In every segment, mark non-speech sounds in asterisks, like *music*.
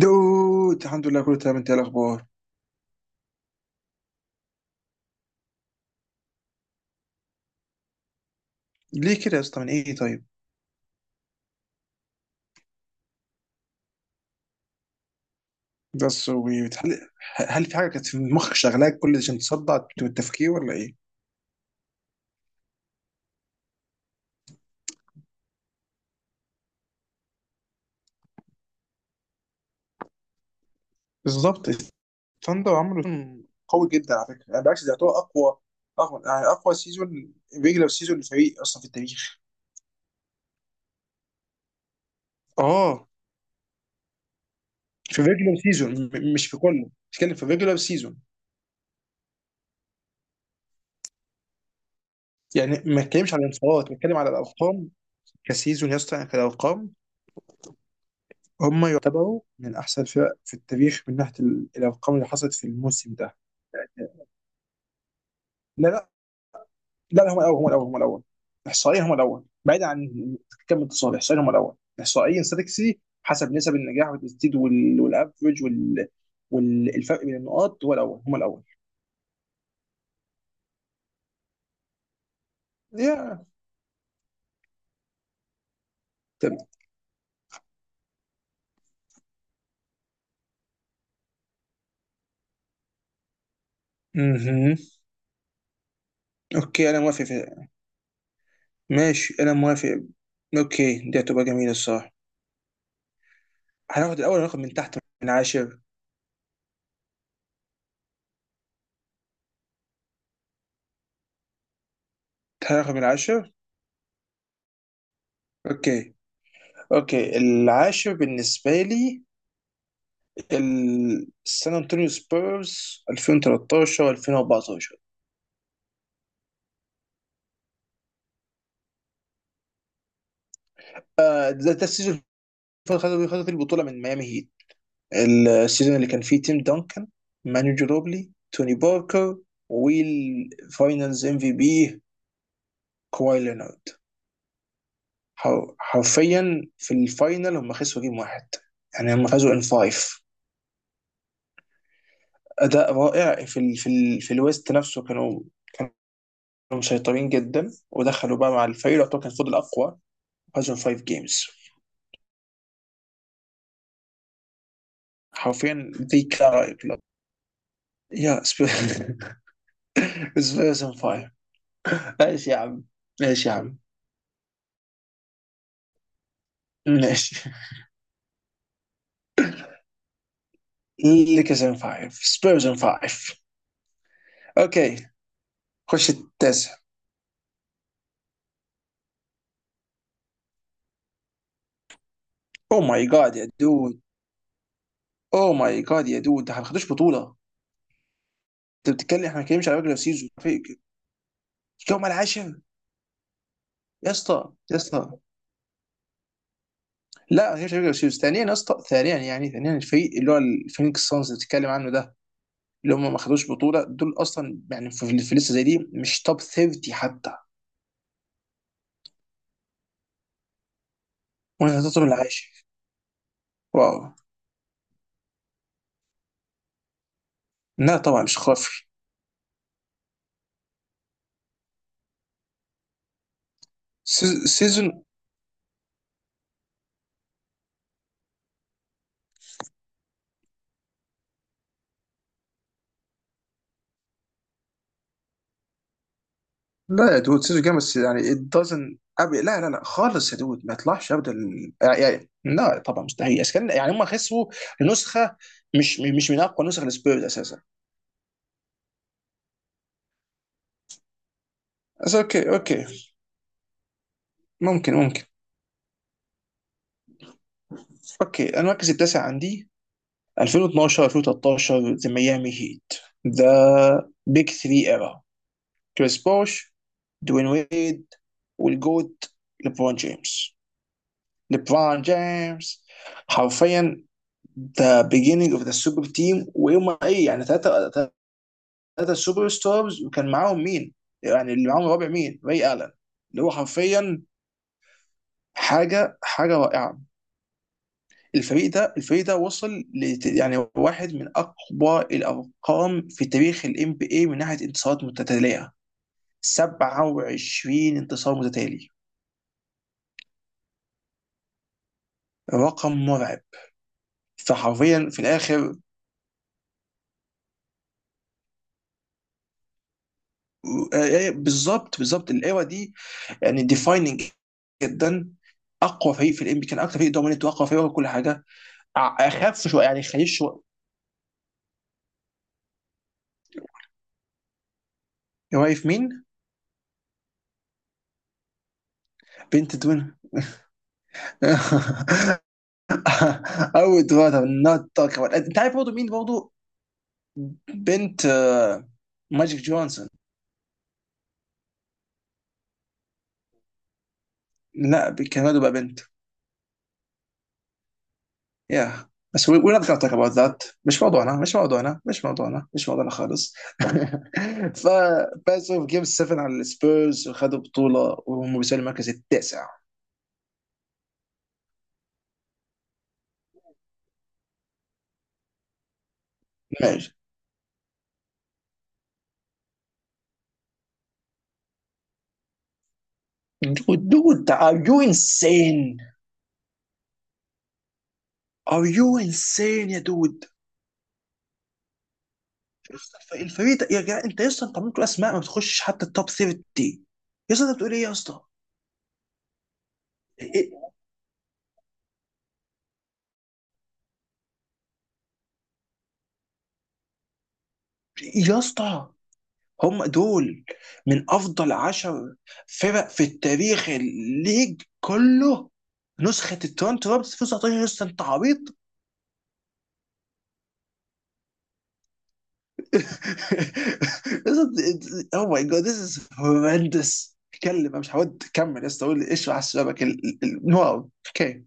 دود، الحمد لله كله تمام. انت ايه الاخبار؟ ليه كده يا اسطى؟ من ايه؟ طيب. ده السويت. هل في حاجه كانت في مخك شغلاك كل ده عشان تصدع التفكير ولا ايه؟ بالظبط. الثاندر عملوا سيزون قوي جدا على فكره، يعني بالعكس ده يعتبر اقوى يعني اقوى سيزون، ريجلر سيزون للفريق اصلا في التاريخ. اه، في ريجلر سيزون مش في كله، بتكلم في ريجلر سيزون. يعني ما اتكلمش على الانتصارات، بتكلم على الارقام كسيزون يا اسطى، يعني كالارقام. هم يعتبروا من أحسن الفرق في التاريخ من ناحية الأرقام اللي حصلت في الموسم ده. لا لا لا، لا، هم الأول، هم الأول، هم الأول. إحصائيا هم الأول، بعيد عن كم اتصال. إحصائيا هم الأول، إحصائيا ستاتيك سيتي حسب نسب النجاح والتسديد والأفرج والفرق بين النقاط هو الأول، هم الأول. يا تمام. مهم. أوكي، أنا موافق ماشي، أنا موافق. أوكي، دي هتبقى جميلة الصراحة. هناخد الأول، رقم من تحت من 10. هناخد من 10. أوكي اوكي العاشر بالنسبه لي سان انطونيو سبيرز 2013 2014. ده السيزون اللي خدوا فيه البطوله من ميامي هيت، السيزون اللي كان فيه تيم دانكن، مانو جروبلي، توني باركر، والفاينلز ام في بي كواي لينارد. حرفيا في الفاينل هم خسروا جيم 1، يعني هم فازوا ان فايف. اداء رائع في ال في ال في الويست نفسه، كانوا مسيطرين جدا، ودخلوا بقى مع الفريق اللي يعتبر كان فضل اقوى، هزم 5 جيمز. حرفيا ذي كلارا كلوب يا سبيرز، ان فايف. *laughs* ماشي يا عم، ماشي يا عم، ماشي. ليكرز ان فايف، سبيرز ان فايف. اوكي، خش التاسع. او ماي جاد يا دود، او ماي جاد يا دود، ده احنا ما خدوش بطوله. انت بتتكلم، احنا ما بنتكلمش على ريجلر سيزون، هم العاشر. يا اسطى، يا اسطى، لا، مش ريجلر سيزون. ثانيا يا اسطى، ثانيا يعني، ثانيا الفريق اللي هو الفينيكس سانز اللي بتتكلم عنه ده، اللي هم ما خدوش بطوله دول اصلا، يعني في لسه زي دي مش توب 30 حتى، وانا حطيتهم العاشر. واو. لا طبعا مش خافي. سيزون. لا يا دود، سيزون جامد بس يعني it doesn't أبي، لا لا لا خالص يا دود، ما يطلعش ابدا لا طبعا مستحيل أساساً، يعني هم خسروا نسخه، مش من اقوى نسخ السبيرز اساسا. بس اوكي، ممكن. اوكي، أنا المركز التاسع عندي 2012 2013 ذا ميامي هيت. ذا بيج 3 ايرا، كريس بوش، دوين ويد، والجوت، ليبرون جيمس ليبرون جيمس حرفيا ذا beginning اوف ذا سوبر تيم، ويوم ايه يعني، ثلاثة سوبر ستارز، وكان معاهم مين؟ يعني اللي معاهم الرابع مين؟ راي الن، اللي هو حرفيا حاجة رائعة. الفريق ده وصل ل، يعني واحد من أقوى الأرقام في تاريخ ال NBA من ناحية انتصارات متتالية، 27 انتصار متتالي، رقم مرعب. فحرفيا في الاخر آه، بالظبط، بالظبط الايرا دي يعني ديفايننج جدا. اقوى فريق في الام بي، كان اكتر فريق دومينيت واقوى فريق وكل حاجه. اخف شويه يعني، خليش شويه. واقف مين؟ بنت دوين. *laughs* او دوين، نوت توك *laughs* انت عارف برضه مين برضه، بنت آه، ماجيك جونسون. لا كان برضه بقى بنت. Yeah. بس we're not gonna talk about that. مش موضوعنا، مش موضوعنا، مش موضوعنا، مش موضوعنا خالص. *laughs* ففازوا في جيم 7 على السبيرز وخدوا بطولة، وهم بيسألوا المركز التاسع. ماشي. دود، are you insane? are you insane يا دود؟ الفريق يا جدع انت يا اسطى، انت عملت اسماء ما بتخشش حتى التوب 30. يا اسطى، انت بتقول ايه يا اسطى؟ إيه- يا اسطى، هم دول من افضل 10 فرق في التاريخ، الليج كله. نسخة التورنتو رابترز 2019، لسه انت عبيط؟ *laughs* او ماي جاد، ذيس از هورندس. اتكلم، *laughs* انا مش هود كمل يا اسطى، قول لي ايش على الشبك. واو، اوكي.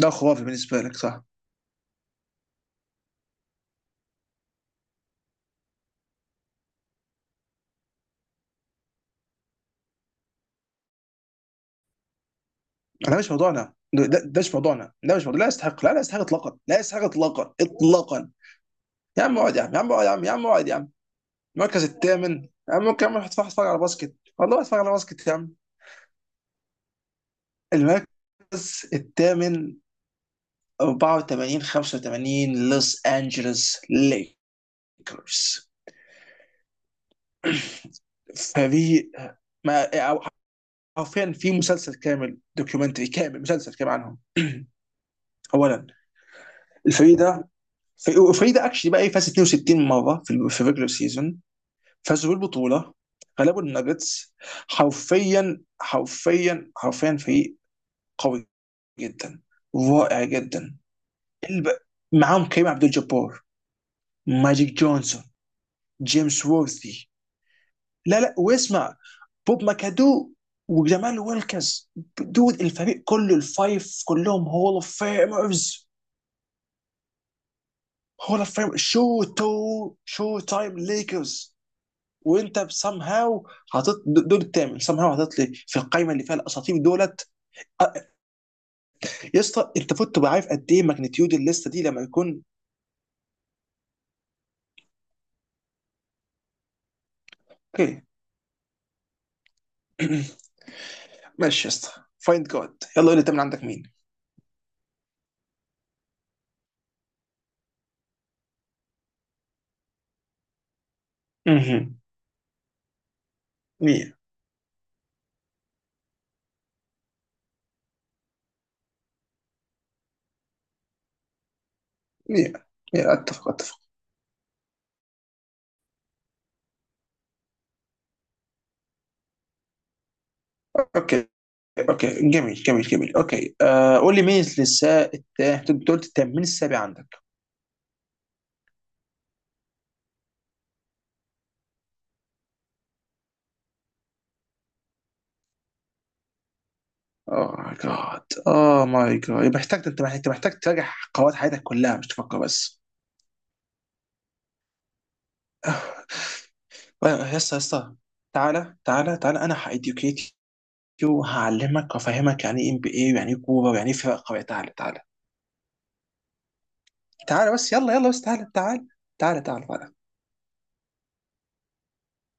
ده خرافي بالنسبة لك صح. انا، مش موضوعنا ده، ده مش موضوعنا، ده مش موضوع، لا يستحق، لا، لا يستحق اطلاقا، لا يستحق اطلاقا اطلاقا. يا عم اقعد يا عم، يا عم اقعد يا عم، يا عم اقعد يا عم. المركز الثامن اما، ممكن اعمل، اتفرج على باسكت والله، اتفرج على باسكت يا عم. المركز الثامن 84 85 لوس انجلوس ليكرز. *clears throat* فريق ما أو حرفيا في مسلسل كامل، دوكيومنتري كامل، مسلسل كامل عنهم. اولا الفريق ده، الفريق ده اكشلي بقى إيه، فاز 62 مره في في الريجلر سيزون، فازوا بالبطوله، غلبوا الناجتس. حرفيا، حرفيا، حرفيا فريق قوي جدا، رائع جدا. الب... معاهم كريم عبد الجبار، ماجيك جونسون، جيمس وورثي، لا لا واسمع، بوب ماكادو وجمال ويلكس. دود، الفريق كله الفايف كلهم هول اوف فيمرز. هول اوف فيمرز، شو تايم ليكرز. وانت بسام هاو حاطط دول التامن، سام هاو حاطط لي في القايمه اللي فيها الاساطير دولت. أ- يا اسطى، انت فوت تبقى عارف قد ايه ماجنتيود الليسته دي لما يكون. اوكي ماشي يا اسطى، فايند جاد يلا، قول لي انت من عندك مين. مهم. 100 100. اتفق اتفق. اوكي اوكي، جميل جميل جميل، اوكي. آه، قول لي مين النساء التا، انت قلت التامين، السابع عندك. اوه ماي جاد، اوه ماي جاد، يبقى محتاج، انت محتاج، انت محتاج تراجع قواعد حياتك كلها، مش تفكر بس. آه، يا اسطى، يا اسطى، تعالى تعالى تعالى، انا هايديوكيت يو، وهعلمك وافهمك يعني ايه ام بي اي، ويعني ايه كوره، ويعني ايه فرق قويه. تعالى تعالى. تعالى بس، يلا يلا بس، تعالى تعالى تعالى تعالى تعالى.